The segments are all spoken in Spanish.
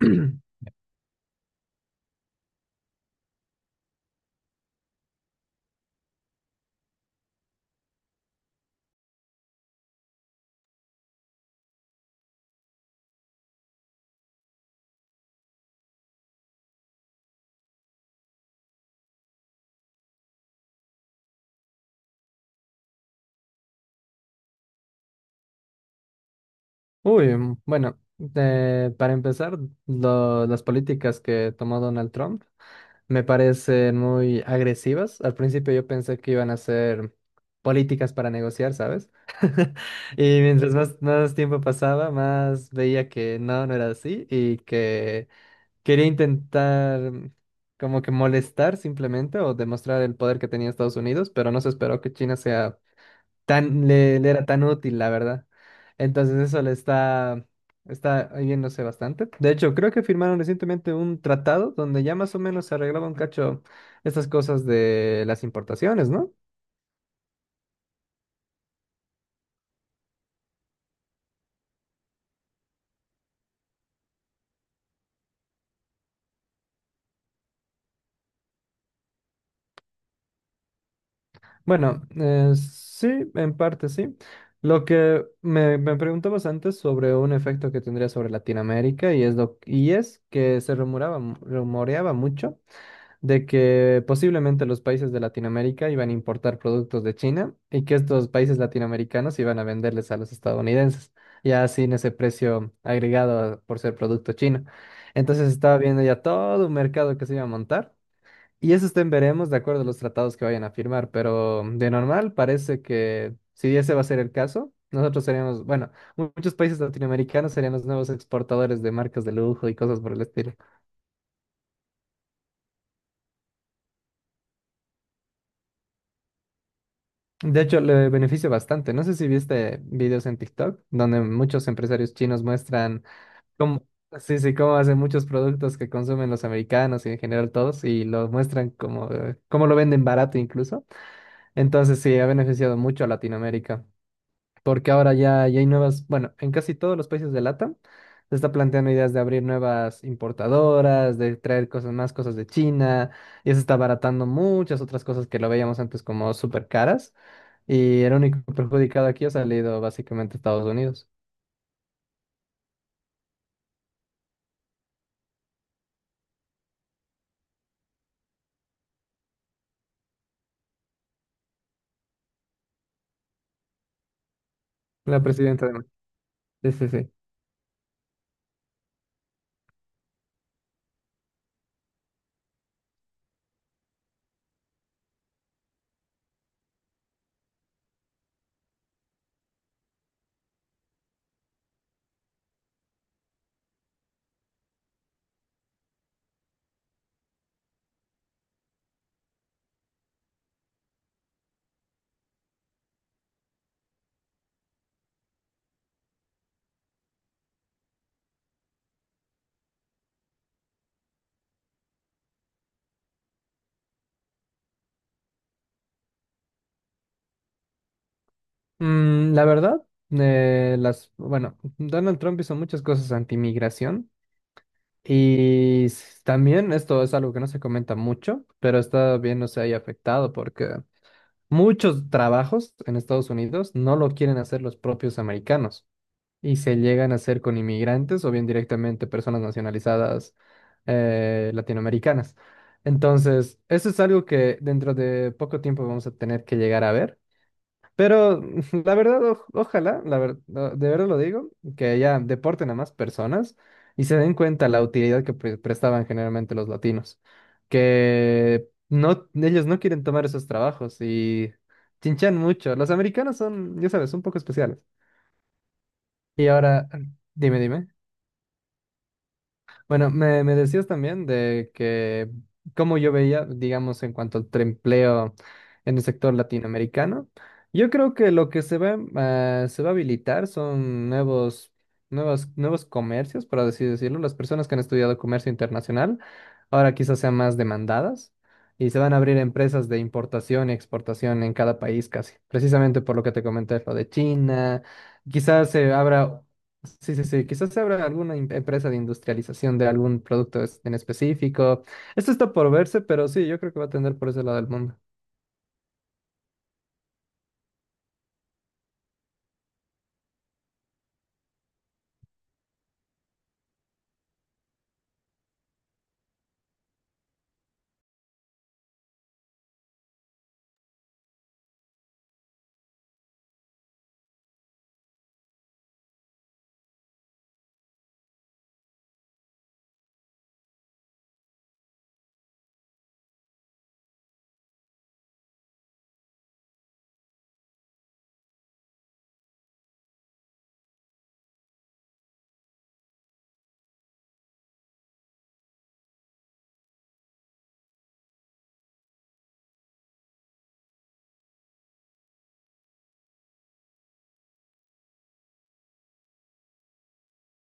Uy, mm, bueno, para empezar, las políticas que tomó Donald Trump me parecen muy agresivas. Al principio yo pensé que iban a ser políticas para negociar, ¿sabes? Y mientras más tiempo pasaba, más veía que no, no era así y que quería intentar como que molestar simplemente o demostrar el poder que tenía Estados Unidos, pero no se esperó que China sea tan, le era tan útil, la verdad. Entonces eso está yéndose bastante. De hecho, creo que firmaron recientemente un tratado donde ya más o menos se arreglaba un cacho estas cosas de las importaciones, ¿no? Bueno, sí, en parte sí. Lo que me preguntabas antes sobre un efecto que tendría sobre Latinoamérica y es, y es que se rumoraba, rumoreaba mucho de que posiblemente los países de Latinoamérica iban a importar productos de China y que estos países latinoamericanos iban a venderles a los estadounidenses, ya sin ese precio agregado por ser producto chino. Entonces estaba viendo ya todo un mercado que se iba a montar y eso estén veremos de acuerdo a los tratados que vayan a firmar, pero de normal parece que si ese va a ser el caso, nosotros seríamos, bueno, muchos países latinoamericanos serían los nuevos exportadores de marcas de lujo y cosas por el estilo. De hecho, le beneficia bastante. No sé si viste videos en TikTok donde muchos empresarios chinos muestran cómo, sí, sí, cómo hacen muchos productos que consumen los americanos y en general todos y los muestran como, cómo lo venden barato incluso. Entonces, sí, ha beneficiado mucho a Latinoamérica porque ahora ya hay nuevas, bueno, en casi todos los países de LATAM se está planteando ideas de abrir nuevas importadoras, de traer cosas más cosas de China y se está abaratando muchas otras cosas que lo veíamos antes como súper caras. Y el único perjudicado aquí ha salido básicamente Estados Unidos. La presidenta de... Sí, sí, sí. La verdad, Bueno, Donald Trump hizo muchas cosas anti-migración. También esto es algo que no se comenta mucho, pero está bien no se haya afectado porque muchos trabajos en Estados Unidos no lo quieren hacer los propios americanos, y se llegan a hacer con inmigrantes o bien directamente personas nacionalizadas latinoamericanas. Entonces, eso es algo que dentro de poco tiempo vamos a tener que llegar a ver. Pero la verdad, ojalá, no, de verdad lo digo, que ya deporten a más personas y se den cuenta la utilidad que prestaban generalmente los latinos, que no, ellos no quieren tomar esos trabajos y chinchan mucho. Los americanos son, ya sabes, un poco especiales. Y ahora, dime. Bueno, me decías también de que como yo veía, digamos, en cuanto al empleo en el sector latinoamericano, yo creo que lo que se va a habilitar son nuevos comercios, por así decirlo. Las personas que han estudiado comercio internacional ahora quizás sean más demandadas y se van a abrir empresas de importación y exportación en cada país casi, precisamente por lo que te comenté, lo de China. Quizás se abra. Sí, sí, sí. Quizás habrá alguna empresa de industrialización de algún producto en específico. Esto está por verse, pero sí, yo creo que va a tender por ese lado del mundo.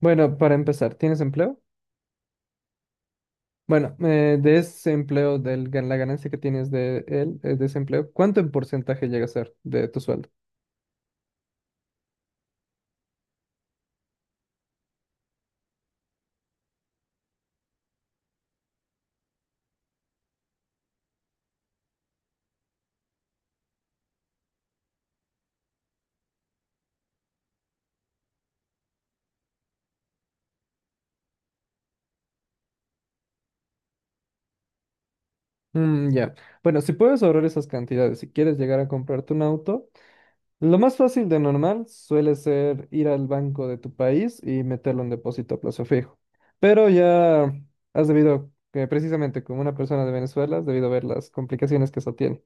Bueno, para empezar, ¿tienes empleo? Bueno, de ese empleo, de la ganancia que tienes de él, de ese empleo, ¿cuánto en porcentaje llega a ser de tu sueldo? Mm, ya. Bueno, si puedes ahorrar esas cantidades, si quieres llegar a comprarte un auto, lo más fácil de normal suele ser ir al banco de tu país y meterlo en depósito a plazo fijo. Pero ya has debido, que precisamente como una persona de Venezuela, has debido ver las complicaciones que eso tiene.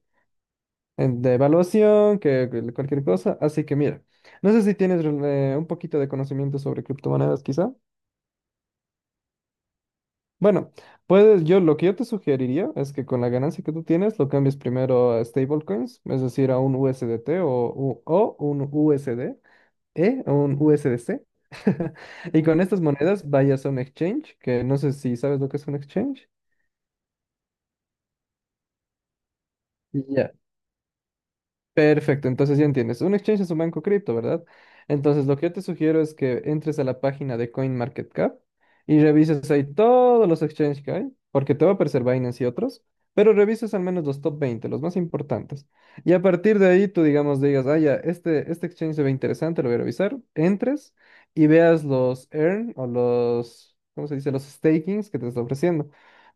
De evaluación, que cualquier cosa. Así que mira, no sé si tienes un poquito de conocimiento sobre criptomonedas quizá. Bueno, puedes, yo lo que yo te sugeriría es que con la ganancia que tú tienes lo cambies primero a stablecoins, es decir, a un USDT o un USD, ¿eh? Un U S D C. Y con estas monedas vayas a un exchange, que no sé si sabes lo que es un exchange. Y ya, Perfecto, entonces ya entiendes. Un exchange es un banco cripto, ¿verdad? Entonces lo que yo te sugiero es que entres a la página de CoinMarketCap y revises ahí todos los exchanges que hay, porque te va a aparecer Binance y otros, pero revises al menos los top 20, los más importantes. Y a partir de ahí tú, digamos, digas, ah, ya, este exchange se ve interesante, lo voy a revisar. Entres y veas los earn o los, ¿cómo se dice? Los stakings que te está ofreciendo.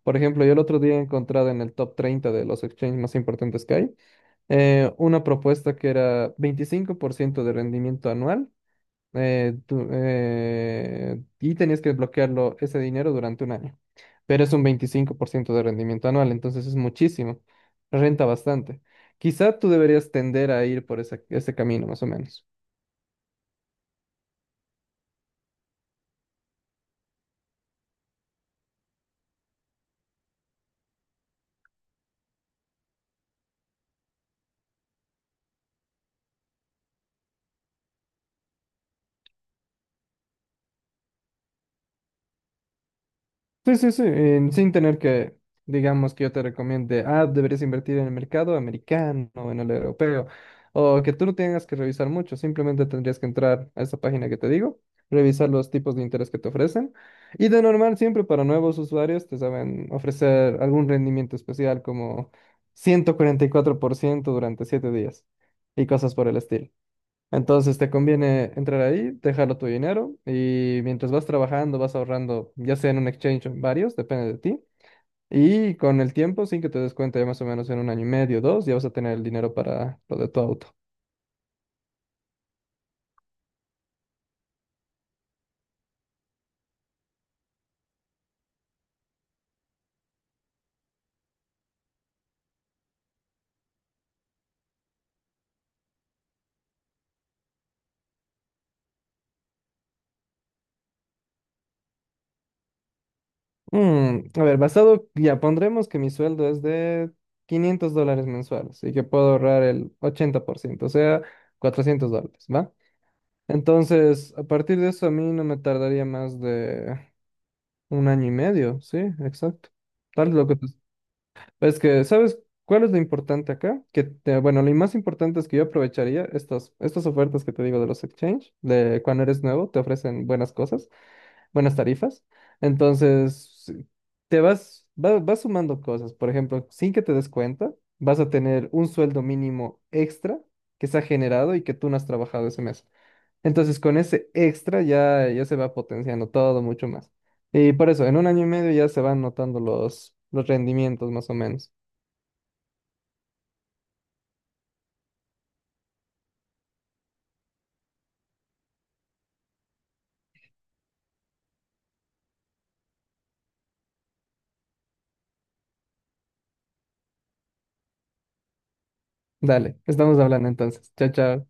Por ejemplo, yo el otro día he encontrado en el top 30 de los exchanges más importantes que hay una propuesta que era 25% de rendimiento anual y tenías que bloquearlo ese dinero durante un año. Pero es un 25% de rendimiento anual, entonces es muchísimo, renta bastante. Quizá tú deberías tender a ir por ese camino, más o menos. Sí, sí, sí, sin tener que, digamos, que yo te recomiende, ah, deberías invertir en el mercado americano o en el europeo, o que tú no tengas que revisar mucho, simplemente tendrías que entrar a esa página que te digo, revisar los tipos de interés que te ofrecen, y de normal siempre para nuevos usuarios te saben ofrecer algún rendimiento especial como 144% durante 7 días y cosas por el estilo. Entonces te conviene entrar ahí, dejarlo tu dinero y mientras vas trabajando vas ahorrando, ya sea en un exchange o en varios, depende de ti. Y con el tiempo, sin que te des cuenta, ya más o menos en un año y medio, dos, ya vas a tener el dinero para lo de tu auto. Mm, a ver, basado, ya pondremos que mi sueldo es de $500 mensuales y que puedo ahorrar el 80%, o sea, $400, ¿va? Entonces, a partir de eso, a mí no me tardaría más de un año y medio, sí, exacto. Tal lo que te Es que, ¿sabes cuál es lo importante acá? Que, bueno, lo más importante es que yo aprovecharía estas ofertas que te digo de los exchange, de cuando eres nuevo, te ofrecen buenas cosas, buenas tarifas. Entonces, vas sumando cosas. Por ejemplo, sin que te des cuenta, vas a tener un sueldo mínimo extra que se ha generado y que tú no has trabajado ese mes. Entonces, con ese extra ya se va potenciando todo mucho más. Y por eso, en un año y medio ya se van notando los rendimientos más o menos. Dale, estamos hablando entonces. Chao, chao.